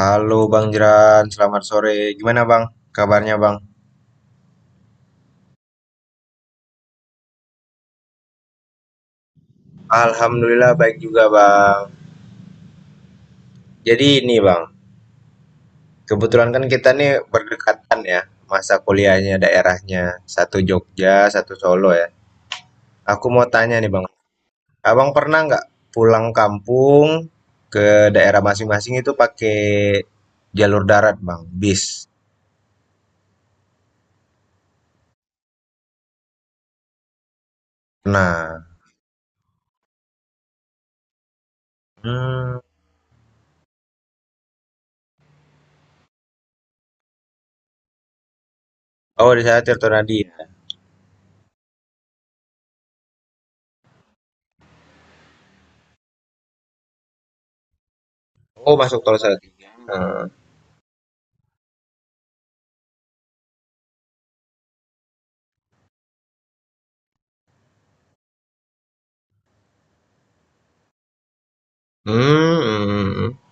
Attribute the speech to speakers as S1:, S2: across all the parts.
S1: Halo Bang Jeran, selamat sore. Gimana Bang? Kabarnya Bang? Alhamdulillah baik juga Bang. Jadi ini Bang, kebetulan kan kita nih berdekatan ya masa kuliahnya daerahnya. Satu Jogja, satu Solo ya. Aku mau tanya nih Bang, Abang pernah nggak pulang kampung ke daerah masing-masing itu pakai jalur darat Bang, bis? Nah, hmm. Oh, di sana Tirtonadi ya. Oh, masuk tol saya. Hmm. Hmm, hmm. Hmm. Hmm.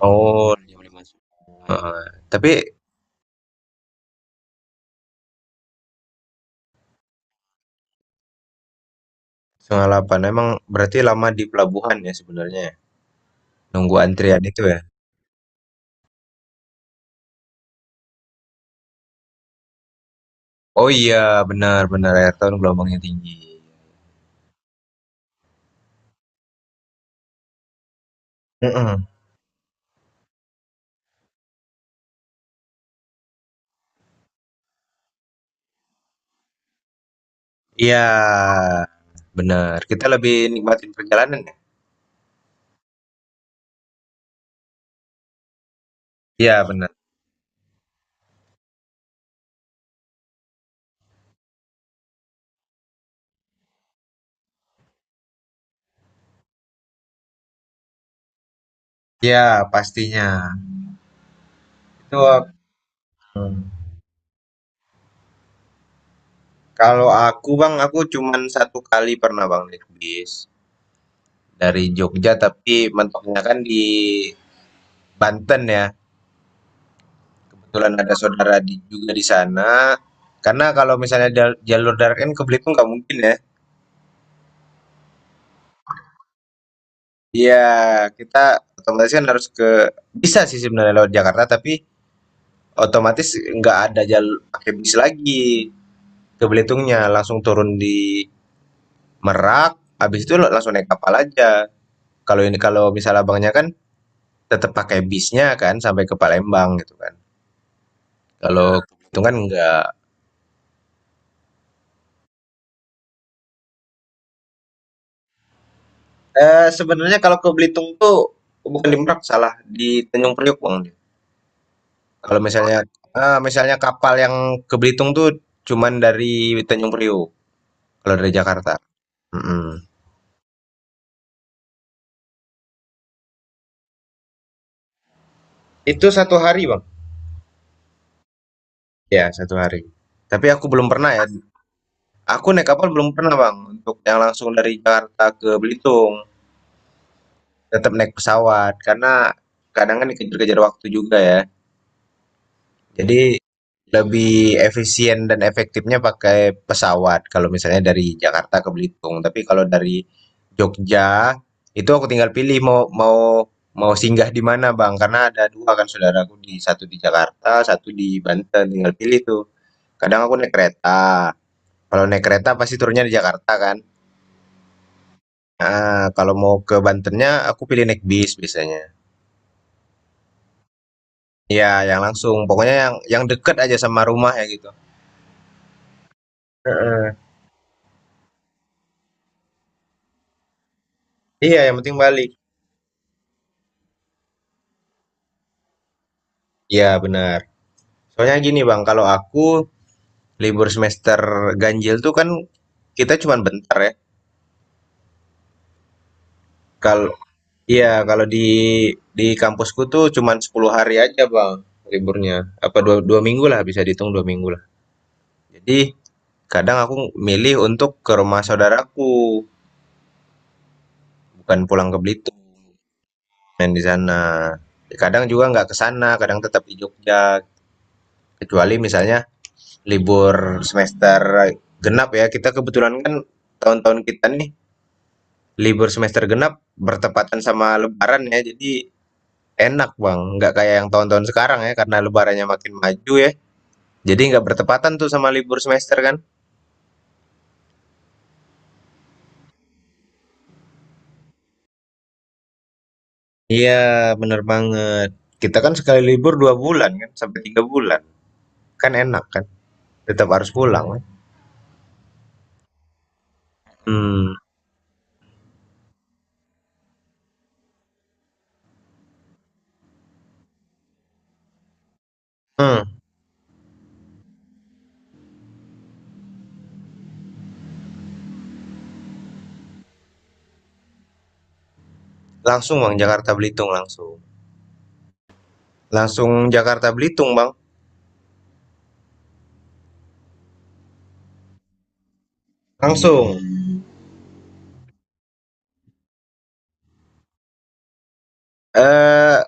S1: Oh, jam 5. Heeh, tapi setengah 8 emang berarti lama di pelabuhan ya sebenarnya ya? Nunggu antrian itu ya? Oh iya, benar benar akhir tahun gelombangnya tinggi. Mhm, iya, benar, kita lebih nikmatin perjalanan ya? Iya benar, iya pastinya, itu mhm, kalau aku Bang, aku cuman satu kali pernah Bang naik bis, dari Jogja tapi mentoknya kan di Banten ya. Kebetulan ada saudara di, juga di sana. Karena kalau misalnya jalur darat kan ke Belitung nggak mungkin ya. Iya, kita otomatis kan harus ke bisa sih sebenarnya lewat Jakarta, tapi otomatis nggak ada jalur pakai bis lagi ke Belitungnya, langsung turun di Merak, habis itu lo langsung naik kapal aja. Kalau ini kalau misal abangnya kan tetap pakai bisnya kan sampai ke Palembang gitu kan. Kalau ke Belitung kan nggak. Eh, sebenarnya kalau ke Belitung tuh bukan di Merak salah di Tanjung Priok bang. Kalau misalnya misalnya kapal yang ke Belitung tuh cuman dari Tanjung Priok kalau dari Jakarta. Mm-mm. Itu satu hari, Bang. Ya, satu hari. Tapi aku belum pernah ya. Aku naik kapal belum pernah, Bang, untuk yang langsung dari Jakarta ke Belitung. Tetap naik pesawat karena kadang kan dikejar-kejar waktu juga ya. Jadi lebih efisien dan efektifnya pakai pesawat kalau misalnya dari Jakarta ke Belitung. Tapi kalau dari Jogja itu aku tinggal pilih mau mau mau singgah di mana Bang karena ada dua kan saudaraku di satu di Jakarta, satu di Banten tinggal pilih tuh. Kadang aku naik kereta. Kalau naik kereta pasti turunnya di Jakarta kan. Kalau mau ke Bantennya aku pilih naik bis biasanya. Iya, yang langsung. Pokoknya yang deket aja sama rumah ya gitu. Heeh. Iya, yang penting Bali. Iya, benar. Soalnya gini, Bang, kalau aku libur semester ganjil tuh kan kita cuman bentar ya. Kalau iya, kalau di kampusku tuh cuman 10 hari aja, Bang, liburnya. Apa dua, 2 minggu lah, bisa dihitung 2 minggu lah. Jadi kadang aku milih untuk ke rumah saudaraku, bukan pulang ke Belitung, main di sana. Kadang juga nggak ke sana, kadang tetap di Jogja. Kecuali misalnya libur semester genap ya, kita kebetulan kan tahun-tahun kita nih libur semester genap bertepatan sama lebaran ya, jadi enak, Bang, nggak kayak yang tahun-tahun sekarang ya karena lebarannya makin maju ya. Jadi nggak bertepatan tuh sama libur semester kan? Iya, bener banget. Kita kan sekali libur 2 bulan kan, sampai 3 bulan. Kan enak kan, tetap harus pulang, kan? Hmm. Hmm, langsung Bang Jakarta Belitung langsung. Langsung Jakarta Belitung, Bang. Langsung. Eh,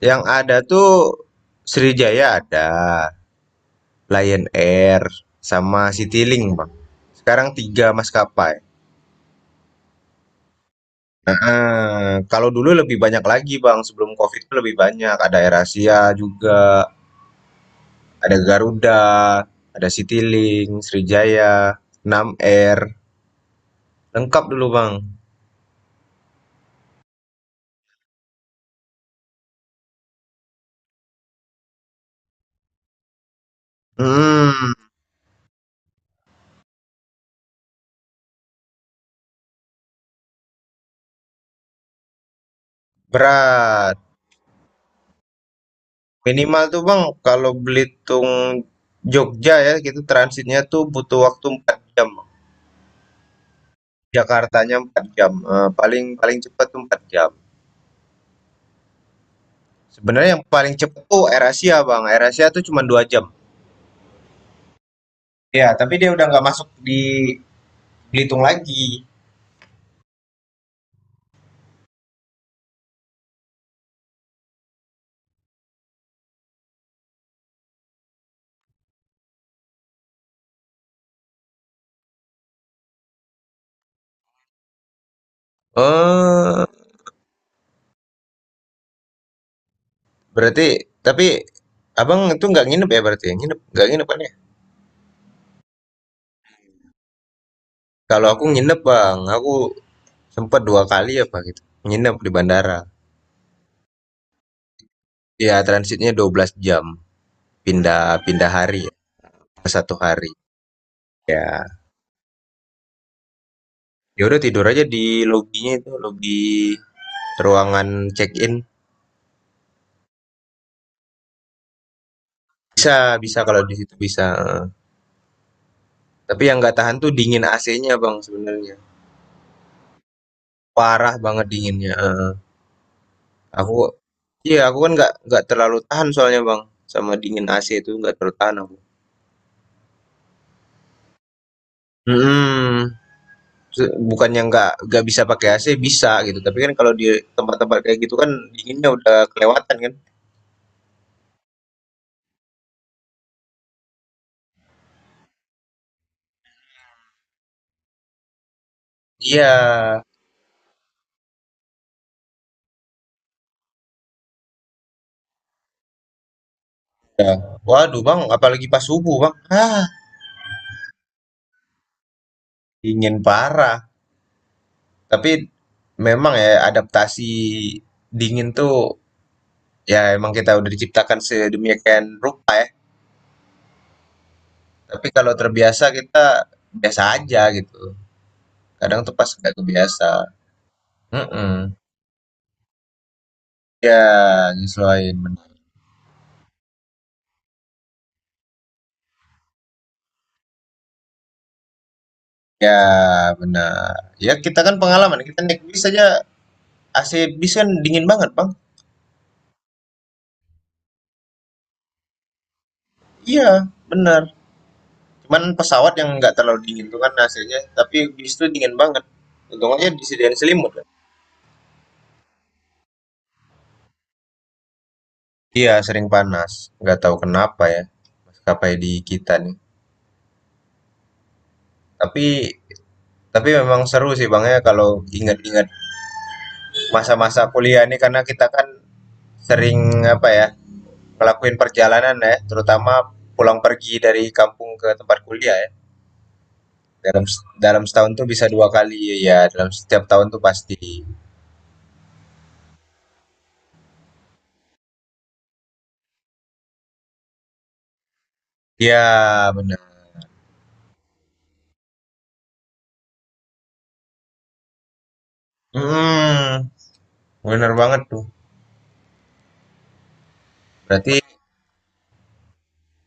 S1: yang ada tuh Sriwijaya ada, Lion Air sama CityLink, Bang. Sekarang 3 maskapai. Heeh, kalau dulu lebih banyak lagi, Bang. Sebelum Covid itu lebih banyak. Ada Air Asia juga, ada Garuda, ada CityLink, Sriwijaya, 6 Air. Lengkap dulu, Bang. Hmm, berat. Minimal tuh, Bang, kalau Belitung Jogja ya, gitu transitnya tuh butuh waktu 4 jam, Bang. Jakartanya 4 jam. Eh, paling paling cepat tuh 4 jam. Sebenarnya yang paling cepet tuh AirAsia, Bang. AirAsia tuh cuma 2 jam. Ya, tapi dia udah nggak masuk di Belitung lagi. Eh, berarti Tapi Abang itu nggak nginep ya berarti ya? Nginep, nggak nginep kan ya? Kalau aku nginep, Bang. Aku sempat dua kali apa gitu. Nginep di bandara. Ya, transitnya 12 jam. Pindah pindah hari ya. Ke satu hari. Ya, ya udah tidur aja di lobinya itu, lobi ruangan check-in. Bisa, bisa kalau di situ bisa. Tapi yang nggak tahan tuh dingin AC-nya, Bang, sebenarnya. Parah banget dinginnya, heeh. Aku iya, aku kan nggak terlalu tahan soalnya, Bang, sama dingin AC itu nggak terlalu tahan aku. Hmm, se bukannya nggak bisa pakai AC, bisa gitu, tapi kan kalau di tempat-tempat kayak gitu kan dinginnya udah kelewatan kan. Iya, ya, waduh, Bang, apalagi pas subuh, Bang. Hah, dingin parah. Tapi memang ya adaptasi dingin tuh ya emang kita udah diciptakan sedemikian rupa ya. Tapi kalau terbiasa kita biasa aja gitu. Kadang tuh pas nggak kebiasa. Mm-mm. Ya nyesuaiin, bener. Ya benar. Ya kita kan pengalaman. Kita naik bis aja AC bis kan dingin banget bang. Iya benar. Cuman pesawat yang nggak terlalu dingin tuh kan hasilnya. Tapi bis tuh dingin banget. Untung aja disediain selimut kan. Iya sering panas. Nggak tahu kenapa ya. Maskapai di kita nih. Tapi tapi memang seru sih bang ya kalau ingat-ingat masa-masa kuliah ini karena kita kan sering apa ya ngelakuin perjalanan ya terutama pulang pergi dari kampung ke tempat kuliah ya dalam dalam setahun tuh bisa dua kali ya dalam setiap tahun tuh pasti ya benar. Hmm, bener banget tuh berarti.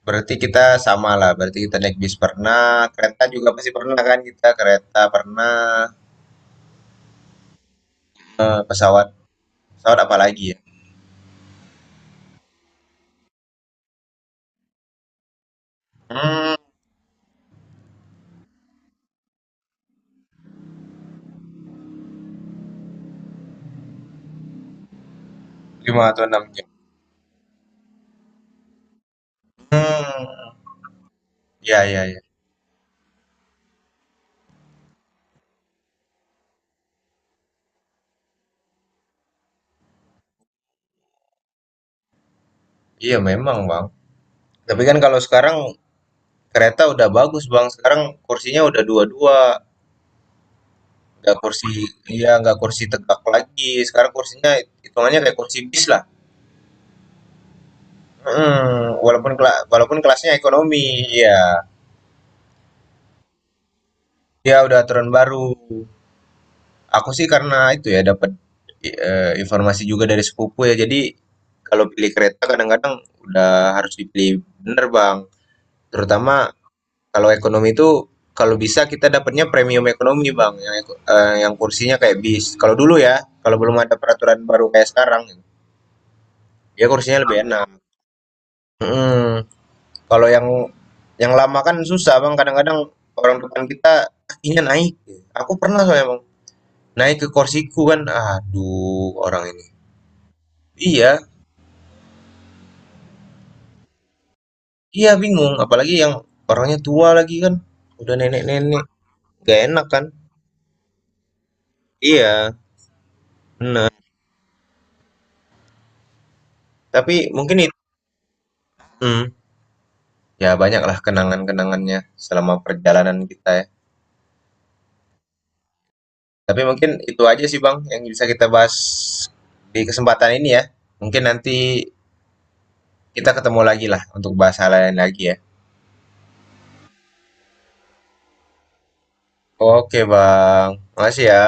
S1: Berarti kita sama lah, berarti kita naik bis pernah, kereta juga pasti pernah kan, kita kereta pernah, pesawat, pesawat apa lagi ya. Hmm, lima atau enam jam. Hmm, ya ya ya. Iya memang bang. Tapi kan kalau sekarang kereta udah bagus Bang, sekarang kursinya udah dua-dua, nggak kursi, iya nggak kursi tegak lagi, sekarang kursinya hitungannya kayak kursi bis lah. Mm, walaupun walaupun kelasnya ekonomi, ya, ya udah aturan baru. Aku sih karena itu ya dapat informasi juga dari sepupu ya, jadi kalau pilih kereta kadang-kadang udah harus dipilih bener Bang, terutama kalau ekonomi itu, kalau bisa kita dapatnya premium ekonomi, Bang, yang yang kursinya kayak bis. Kalau dulu ya, kalau belum ada peraturan baru kayak sekarang, ya kursinya lebih enak. Heeh. Mhm, kalau yang lama kan susah, Bang, kadang-kadang orang depan kita kakinya naik. Aku pernah soalnya, Bang, naik ke kursiku kan, aduh orang ini. Iya iya bingung, apalagi yang orangnya tua lagi kan, udah nenek-nenek, gak enak kan. Iya, bener, tapi mungkin itu. Ya banyaklah kenangan-kenangannya selama perjalanan kita ya. Tapi mungkin itu aja sih Bang yang bisa kita bahas di kesempatan ini ya. Mungkin nanti kita ketemu lagi lah untuk bahas hal lain lagi ya. Oke Bang, makasih ya.